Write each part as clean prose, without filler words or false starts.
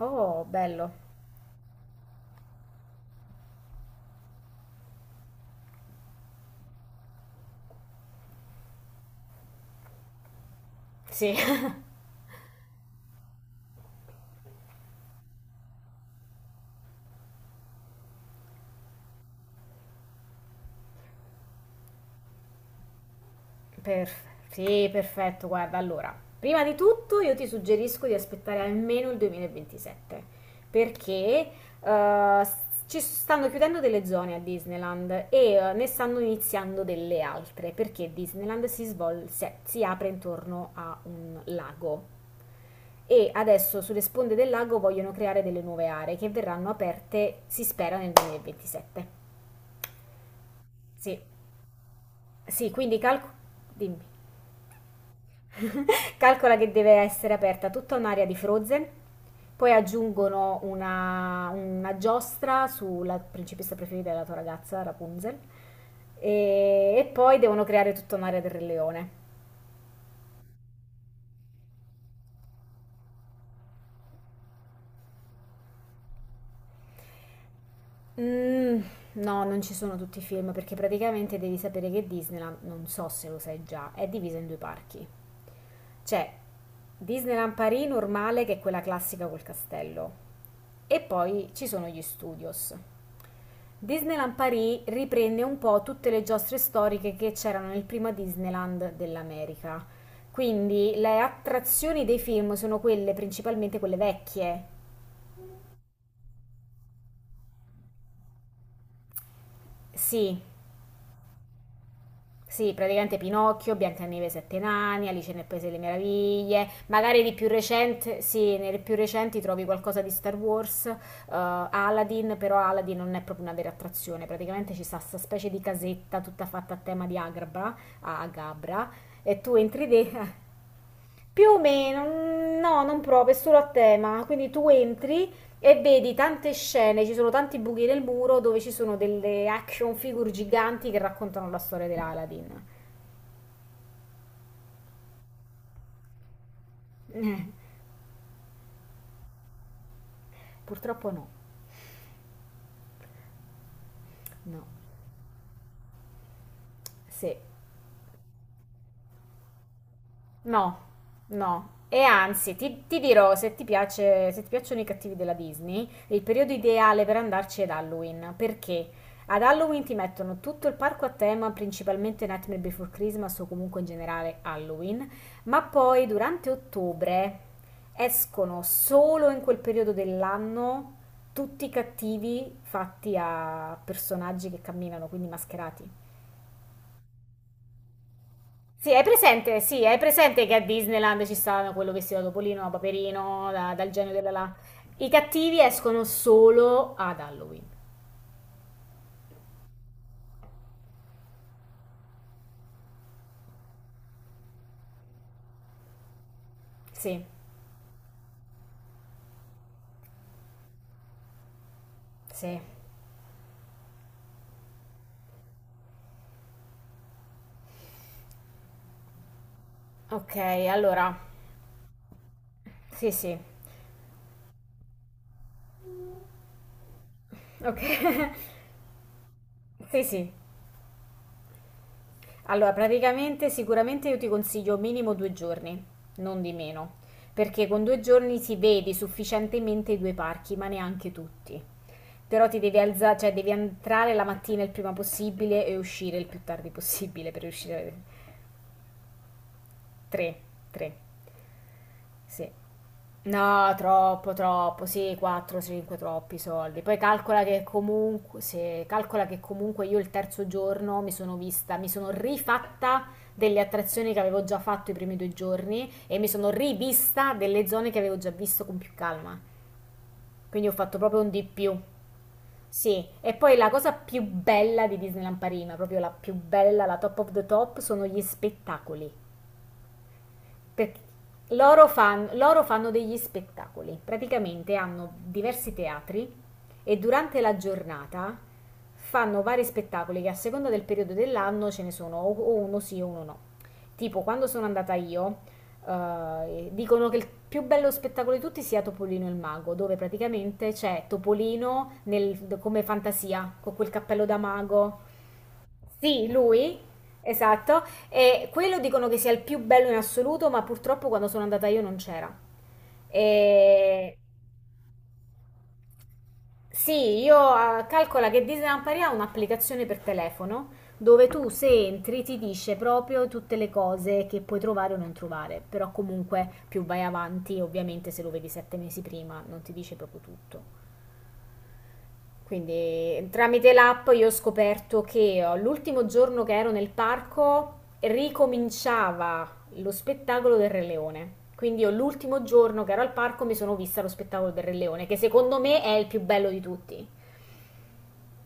Oh, bello. Sì, perf- sì, perfetto. Guarda, allora, prima di tutto io ti suggerisco di aspettare almeno il 2027, perché eh, s- ci stanno chiudendo delle zone a Disneyland e ne stanno iniziando delle altre, perché Disneyland si apre intorno a un lago. E adesso sulle sponde del lago vogliono creare delle nuove aree che verranno aperte, si spera, nel 2027. Sì, sì, quindi Dimmi. Calcola che deve essere aperta tutta un'area di Frozen, poi aggiungono una giostra sulla principessa preferita della tua ragazza, Rapunzel, e poi devono creare tutta un'area del Re Leone. Mm, no, non ci sono tutti i film perché praticamente devi sapere che Disneyland, non so se lo sai già, è divisa in due parchi. C'è Disneyland Paris normale, che è quella classica col castello, e poi ci sono gli studios. Disneyland Paris riprende un po' tutte le giostre storiche che c'erano nel prima Disneyland dell'America. Quindi le attrazioni dei film sono quelle principalmente quelle vecchie. Sì, sì, praticamente Pinocchio, Biancaneve e Sette Nani, Alice nel Paese delle Meraviglie, magari di più recente, sì, nelle più recenti trovi qualcosa di Star Wars, Aladdin, però Aladdin non è proprio una vera attrazione, praticamente ci sta questa specie di casetta tutta fatta a tema di Agrabah, Agabra, e tu entri dentro. Più o meno, mm, no, non proprio, è solo a tema. Quindi tu entri e vedi tante scene, ci sono tanti buchi nel muro dove ci sono delle action figure giganti che raccontano la storia dell'Aladdin. Eh, Purtroppo no, no. Sì, no, no. E anzi, ti dirò, se ti piace, se ti piacciono i cattivi della Disney, il periodo ideale per andarci è ad Halloween. Perché? Ad Halloween ti mettono tutto il parco a tema, principalmente Nightmare Before Christmas o comunque in generale Halloween, ma poi durante ottobre escono solo in quel periodo dell'anno tutti i cattivi fatti a personaggi che camminano, quindi mascherati. Sì, hai presente che a Disneyland ci sta quello vestito da Topolino, da Paperino, dal genio della là. I cattivi escono solo ad Halloween. Sì, sì. Ok, allora, sì, sì. Ok, sì, sì. Allora, praticamente, sicuramente io ti consiglio minimo 2 giorni, non di meno, perché con 2 giorni si vede sufficientemente i due parchi, ma neanche tutti. Però ti devi alzare, cioè devi entrare la mattina il prima possibile e uscire il più tardi possibile per riuscire. Tre, tre, sì. No, troppo, troppo, sì, 4, 5, troppi soldi. Poi calcola che comunque, se, calcola che comunque io il terzo giorno mi sono vista, mi sono rifatta delle attrazioni che avevo già fatto i primi 2 giorni e mi sono rivista delle zone che avevo già visto con più calma. Quindi ho fatto proprio un di più. Sì, e poi la cosa più bella di Disneyland Parigi, ma proprio la più bella, la top of the top, sono gli spettacoli perché loro fanno degli spettacoli, praticamente hanno diversi teatri e durante la giornata fanno vari spettacoli che a seconda del periodo dell'anno ce ne sono o uno sì o uno no. Tipo quando sono andata io, dicono che il più bello spettacolo di tutti sia Topolino e il mago, dove praticamente c'è Topolino come fantasia, con quel cappello da mago. Sì, lui, esatto. E quello dicono che sia il più bello in assoluto, ma purtroppo quando sono andata io non c'era. E... Sì, io calcola che Disneyland Paris ha un'applicazione per telefono dove tu se entri ti dice proprio tutte le cose che puoi trovare o non trovare, però comunque più vai avanti, ovviamente se lo vedi 7 mesi prima non ti dice proprio tutto. Quindi tramite l'app io ho scoperto che l'ultimo giorno che ero nel parco ricominciava lo spettacolo del Re Leone. Quindi io l'ultimo giorno che ero al parco mi sono vista lo spettacolo del Re Leone, che secondo me è il più bello di tutti.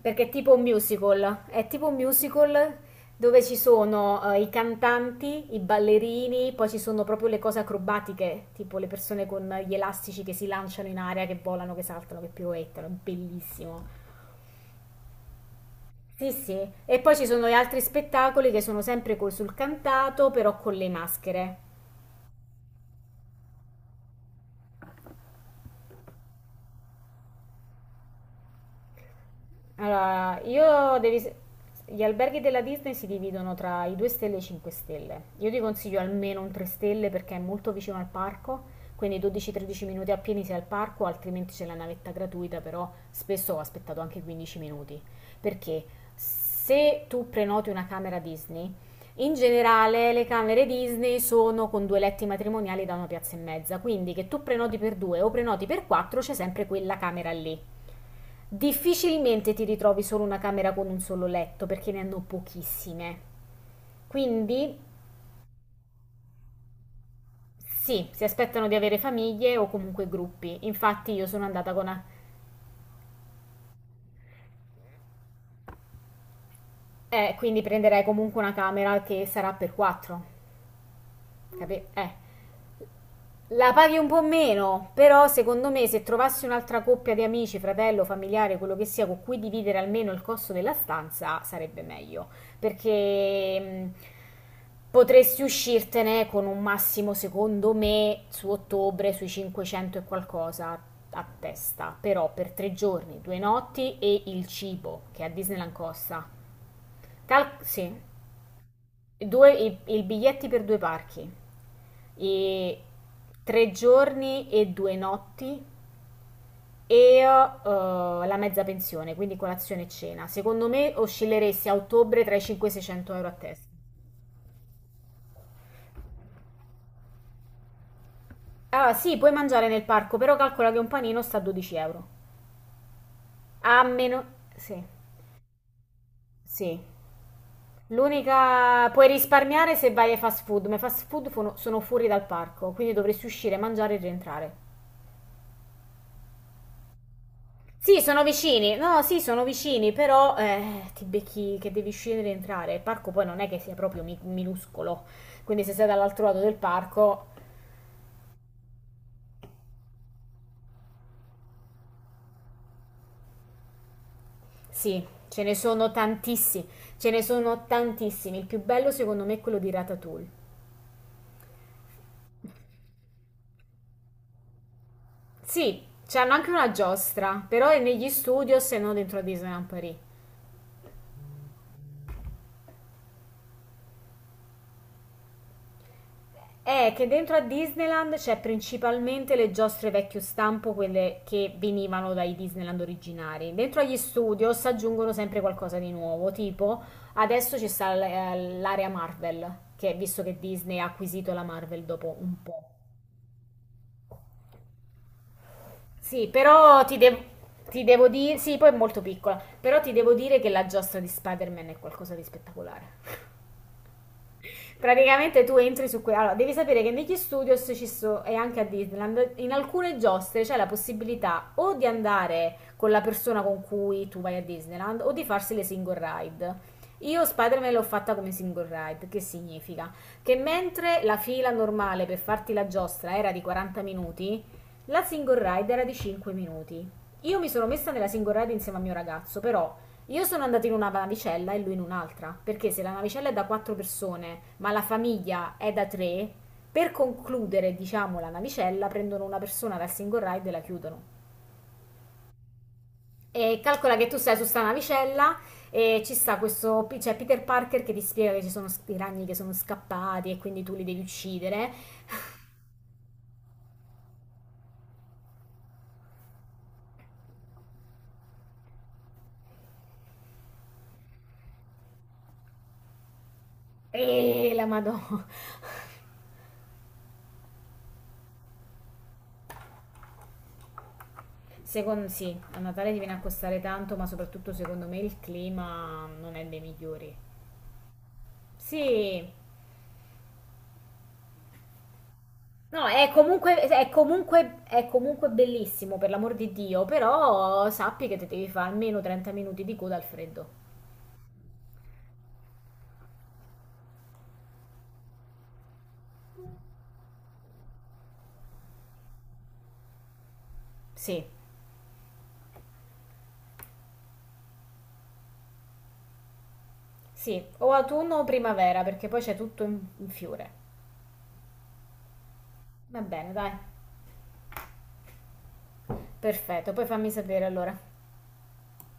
Perché è tipo un musical, è tipo un musical dove ci sono i cantanti, i ballerini, poi ci sono proprio le cose acrobatiche, tipo le persone con gli elastici che si lanciano in aria, che volano, che saltano, che piroettano, è bellissimo. Sì, sì. E poi ci sono gli altri spettacoli che sono sempre col sul cantato, però con le maschere. Allora, gli alberghi della Disney si dividono tra i 2 stelle e i 5 stelle. Io ti consiglio almeno un 3 stelle perché è molto vicino al parco, quindi 12-13 minuti appieni sei al parco, altrimenti c'è la navetta gratuita, però spesso ho aspettato anche 15 minuti. Perché se tu prenoti una camera Disney, in generale le camere Disney sono con due letti matrimoniali da una piazza e mezza, quindi che tu prenoti per due o prenoti per quattro c'è sempre quella camera lì. Difficilmente ti ritrovi solo una camera con un solo letto, perché ne hanno pochissime. Quindi sì, si aspettano di avere famiglie o comunque gruppi. Infatti io sono andata con una... Quindi prenderai comunque una camera che sarà per quattro. Capi? La paghi un po' meno, però secondo me se trovassi un'altra coppia di amici, fratello, familiare, quello che sia, con cui dividere almeno il costo della stanza, sarebbe meglio, perché potresti uscirtene con un massimo, secondo me, su ottobre, sui 500 e qualcosa a testa, però per tre giorni, 2 notti e il cibo, che a Disneyland costa. Sì, due, i biglietti per due parchi, i 3 giorni e 2 notti e la mezza pensione, quindi colazione e cena. Secondo me oscilleresti a ottobre tra i 500 e i 600 euro a testa. Allora, sì, puoi mangiare nel parco, però calcola che un panino sta a 12 euro. A meno... Sì, sì. L'unica... Puoi risparmiare se vai ai fast food, ma i fast food sono fuori dal parco, quindi dovresti uscire, mangiare e rientrare. Sì, sono vicini. No, sì, sono vicini, però ti becchi che devi scendere e entrare. Il parco poi non è che sia proprio minuscolo. Quindi se sei dall'altro lato del parco, sì, ce ne sono tantissimi. Ce ne sono tantissimi. Il più bello secondo me è quello di Ratatouille. Sì, c'hanno anche una giostra, però è negli studios e non dentro a Disneyland Paris. È che dentro a Disneyland c'è principalmente le giostre vecchio stampo, quelle che venivano dai Disneyland originari. Dentro agli studios aggiungono sempre qualcosa di nuovo, tipo adesso ci sta l'area Marvel, che visto che Disney ha acquisito la Marvel dopo un po'. Sì, però ti devo dire, sì, poi è molto piccola, però ti devo dire che la giostra di Spider-Man è qualcosa di spettacolare. Praticamente tu entri su quella. Allora, devi sapere che negli studios e anche a Disneyland, in alcune giostre c'è la possibilità o di andare con la persona con cui tu vai a Disneyland o di farsi le single ride. Io Spider-Man l'ho fatta come single ride, che significa che mentre la fila normale per farti la giostra era di 40 minuti, la single ride era di 5 minuti. Io mi sono messa nella single ride insieme al mio ragazzo, però io sono andata in una navicella e lui in un'altra, perché se la navicella è da quattro persone, ma la famiglia è da tre, per concludere, diciamo, la navicella, prendono una persona dal single ride e la chiudono. E calcola che tu sei su sta navicella e ci sta questo, c'è Peter Parker che ti spiega che ci sono i ragni che sono scappati e quindi tu li devi uccidere. E la madonna. Secondo sì, a Natale ti viene a costare tanto, ma soprattutto secondo me il clima non è dei migliori. Sì, no, è comunque bellissimo, per l'amor di Dio, però sappi che ti devi fare almeno 30 minuti di coda al freddo. Sì, sì, o autunno o primavera, perché poi c'è tutto in fiore. Va bene, dai, perfetto, poi fammi sapere allora.